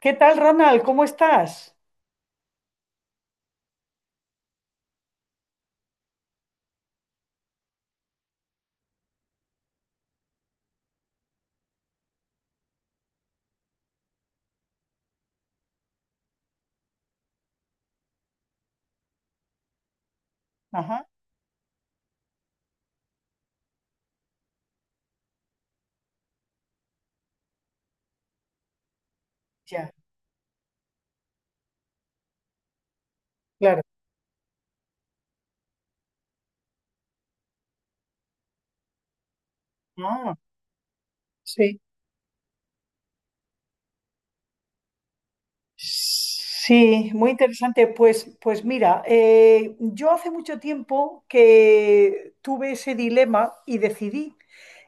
¿Qué tal, Ronald? ¿Cómo estás? Ajá, ya, claro. Ah, sí. Sí, muy interesante. Pues, pues mira, yo hace mucho tiempo que tuve ese dilema y decidí.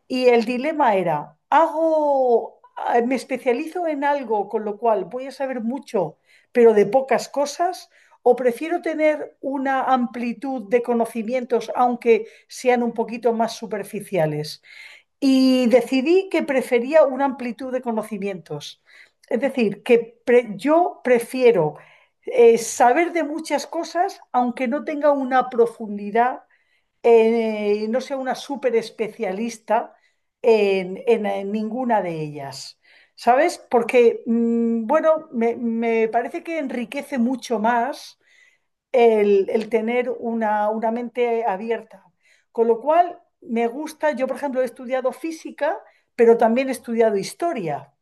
Y el dilema era, hago, me especializo en algo, con lo cual voy a saber mucho, pero de pocas cosas, o prefiero tener una amplitud de conocimientos, aunque sean un poquito más superficiales. Y decidí que prefería una amplitud de conocimientos. Es decir, que yo prefiero saber de muchas cosas, aunque no tenga una profundidad, no sea una súper especialista en, en ninguna de ellas. ¿Sabes? Porque, bueno, me parece que enriquece mucho más el tener una mente abierta. Con lo cual, me gusta, yo por ejemplo he estudiado física, pero también he estudiado historia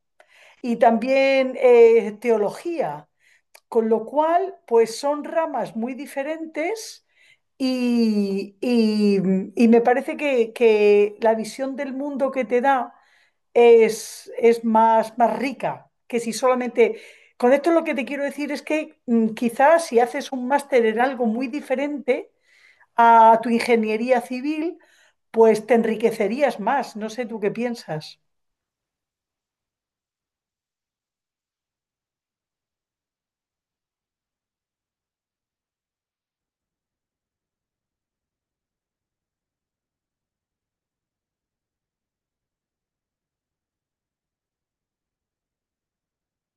y también teología, con lo cual, pues son ramas muy diferentes. Y, y- y me parece que la visión del mundo que te da es más, más rica que si solamente. Con esto lo que te quiero decir es que quizás si haces un máster en algo muy diferente a tu ingeniería civil, pues te enriquecerías más. No sé tú qué piensas.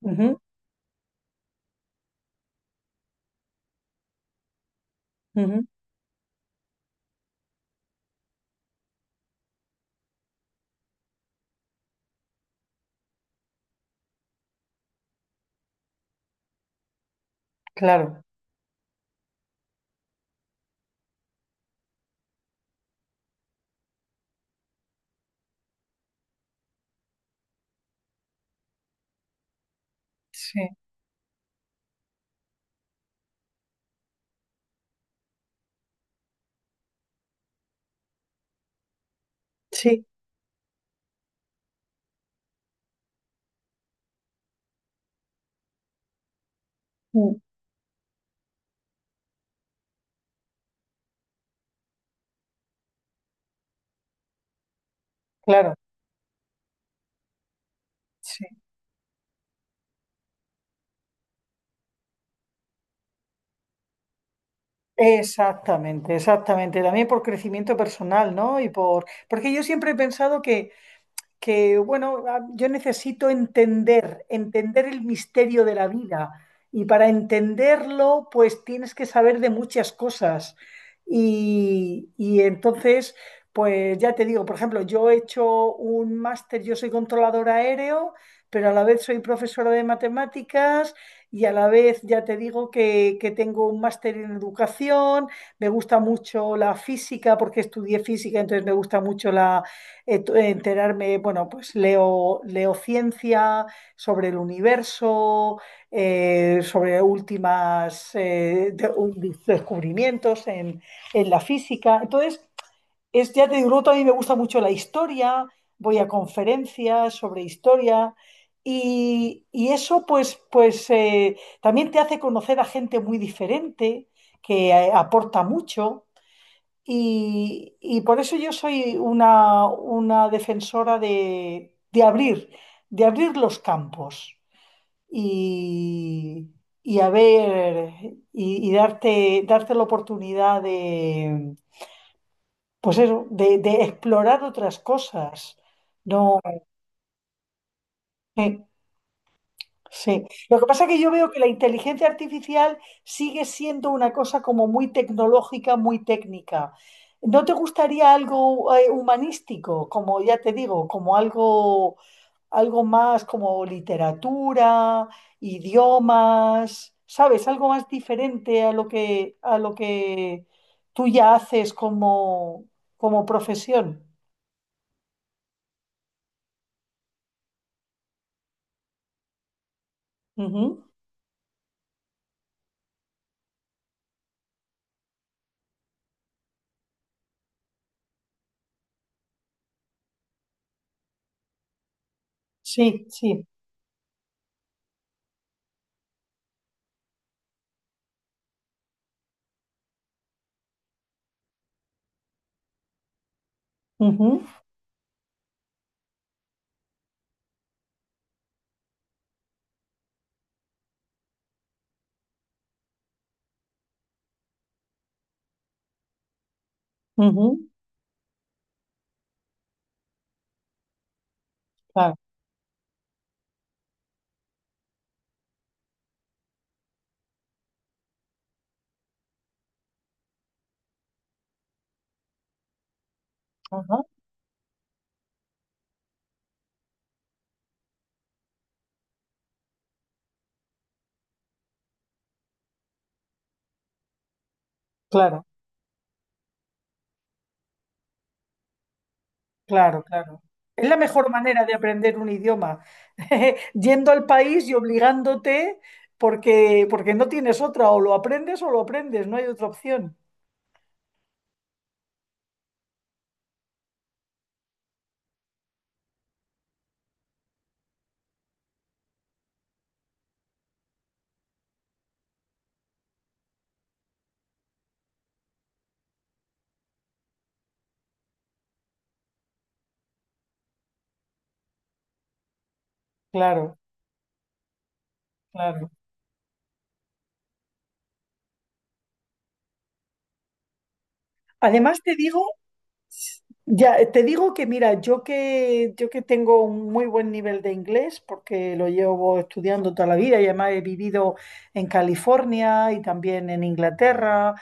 Ujú, ujú, claro, sí, sí, mm, claro, sí. Exactamente, exactamente. También por crecimiento personal, ¿no? Y por, porque yo siempre he pensado que, bueno, ah, yo necesito entender, entender el misterio de la vida. Y para entenderlo, pues tienes que saber de muchas cosas. Y entonces, pues ya te digo, por ejemplo, yo he hecho un máster, yo soy controlador aéreo, pero a la vez soy profesora de matemáticas y a la vez ya te digo que tengo un máster en educación, me gusta mucho la física porque estudié física, entonces me gusta mucho enterarme, bueno, pues leo, leo ciencia sobre el universo, sobre últimas descubrimientos en la física. Entonces, es, ya te digo, luego también me gusta mucho la historia, voy a conferencias sobre historia. Y eso pues, pues también te hace conocer a gente muy diferente que aporta mucho. Y por eso yo soy una defensora de abrir los campos y, y a ver, y darte, darte la oportunidad de, pues eso, de explorar otras cosas. No. Eh. Sí. Lo que pasa es que yo veo que la inteligencia artificial sigue siendo una cosa como muy tecnológica, muy técnica. ¿No te gustaría algo humanístico, como ya te digo, como algo, algo más como literatura, idiomas? ¿Sabes? Algo más diferente a lo que tú ya haces como, como profesión. Ujú. Sí, sí. Ujú, ujú. Claro, ajá, claro. Claro, claro. Es la mejor manera de aprender un idioma, yendo al país y obligándote porque, porque no tienes otra, o lo aprendes, no hay otra opción. Claro, claro. Además te digo, ya te digo que mira, yo que tengo un muy buen nivel de inglés porque lo llevo estudiando toda la vida y además he vivido en California y también en Inglaterra.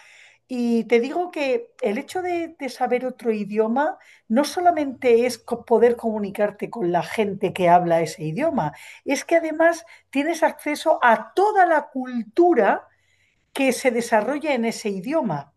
Y te digo que el hecho de saber otro idioma no solamente es poder comunicarte con la gente que habla ese idioma, es que además tienes acceso a toda la cultura que se desarrolle en ese idioma.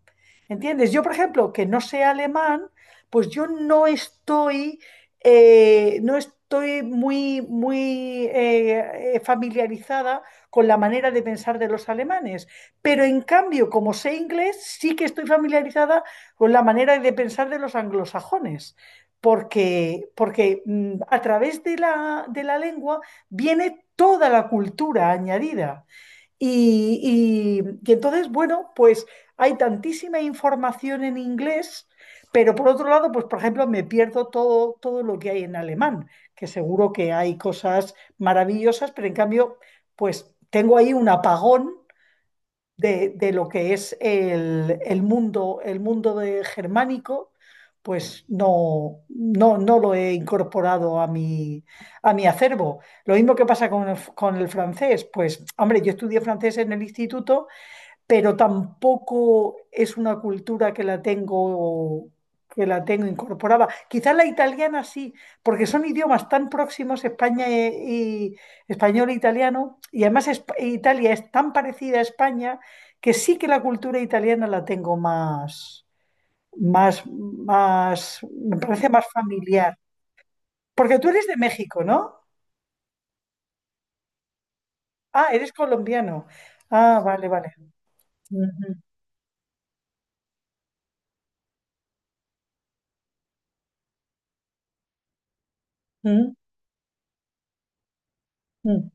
¿Entiendes? Yo, por ejemplo, que no sé alemán, pues yo no estoy, no estoy muy, muy familiarizada con la manera de pensar de los alemanes. Pero en cambio, como sé inglés, sí que estoy familiarizada con la manera de pensar de los anglosajones. Porque, porque a través de de la lengua viene toda la cultura añadida. Y, y entonces, bueno, pues hay tantísima información en inglés, pero por otro lado, pues por ejemplo, me pierdo todo, todo lo que hay en alemán, que seguro que hay cosas maravillosas, pero en cambio, pues tengo ahí un apagón de lo que es el mundo de germánico, pues no, no, no lo he incorporado a mi acervo. Lo mismo que pasa con el francés, pues hombre, yo estudié francés en el instituto pero tampoco es una cultura que la tengo incorporada. Quizás la italiana sí, porque son idiomas tan próximos, España español e italiano, y además Italia es tan parecida a España que sí que la cultura italiana la tengo más, más, más, me parece más familiar. Porque tú eres de México, ¿no? Ah, eres colombiano. Ah, vale, vale. Ujú, ujú, ujú,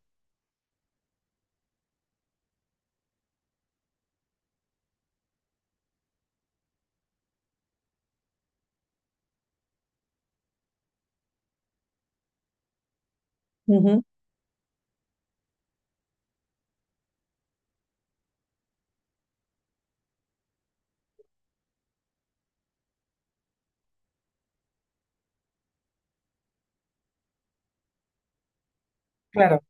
ujú. Claro,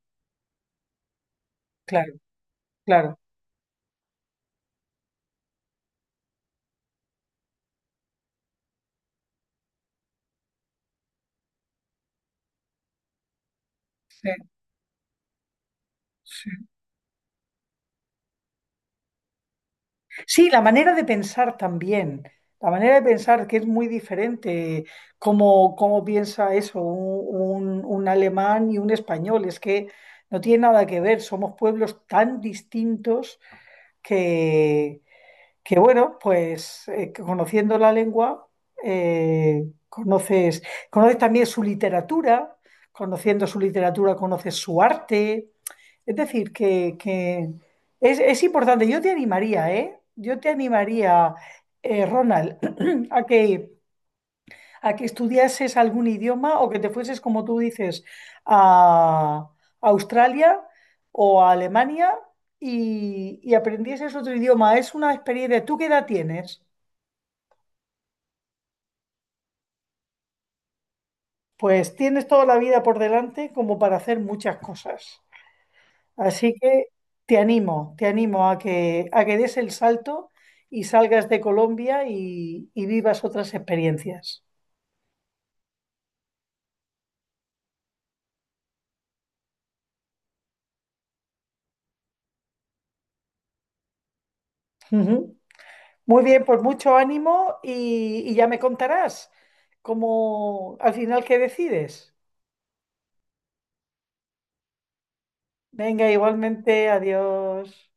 claro, claro. Sí, sí. Sí, la manera de pensar también, la manera de pensar que es muy diferente, cómo, cómo piensa eso un, un alemán y un español, es que no tiene nada que ver, somos pueblos tan distintos que, que bueno, pues que conociendo la lengua, conoces, conoces también su literatura, conociendo su literatura conoces su arte. Es decir, que es importante. Yo te animaría, ¿eh? Yo te animaría, Ronald, a que, a que estudiases algún idioma o que te fueses, como tú dices, a Australia o a Alemania y aprendieses otro idioma. Es una experiencia. ¿Tú qué edad tienes? Pues tienes toda la vida por delante como para hacer muchas cosas. Así que te animo a que des el salto y salgas de Colombia y vivas otras experiencias. Ujú. Muy bien, pues mucho ánimo y ya me contarás cómo al final qué decides. Venga, igualmente, adiós.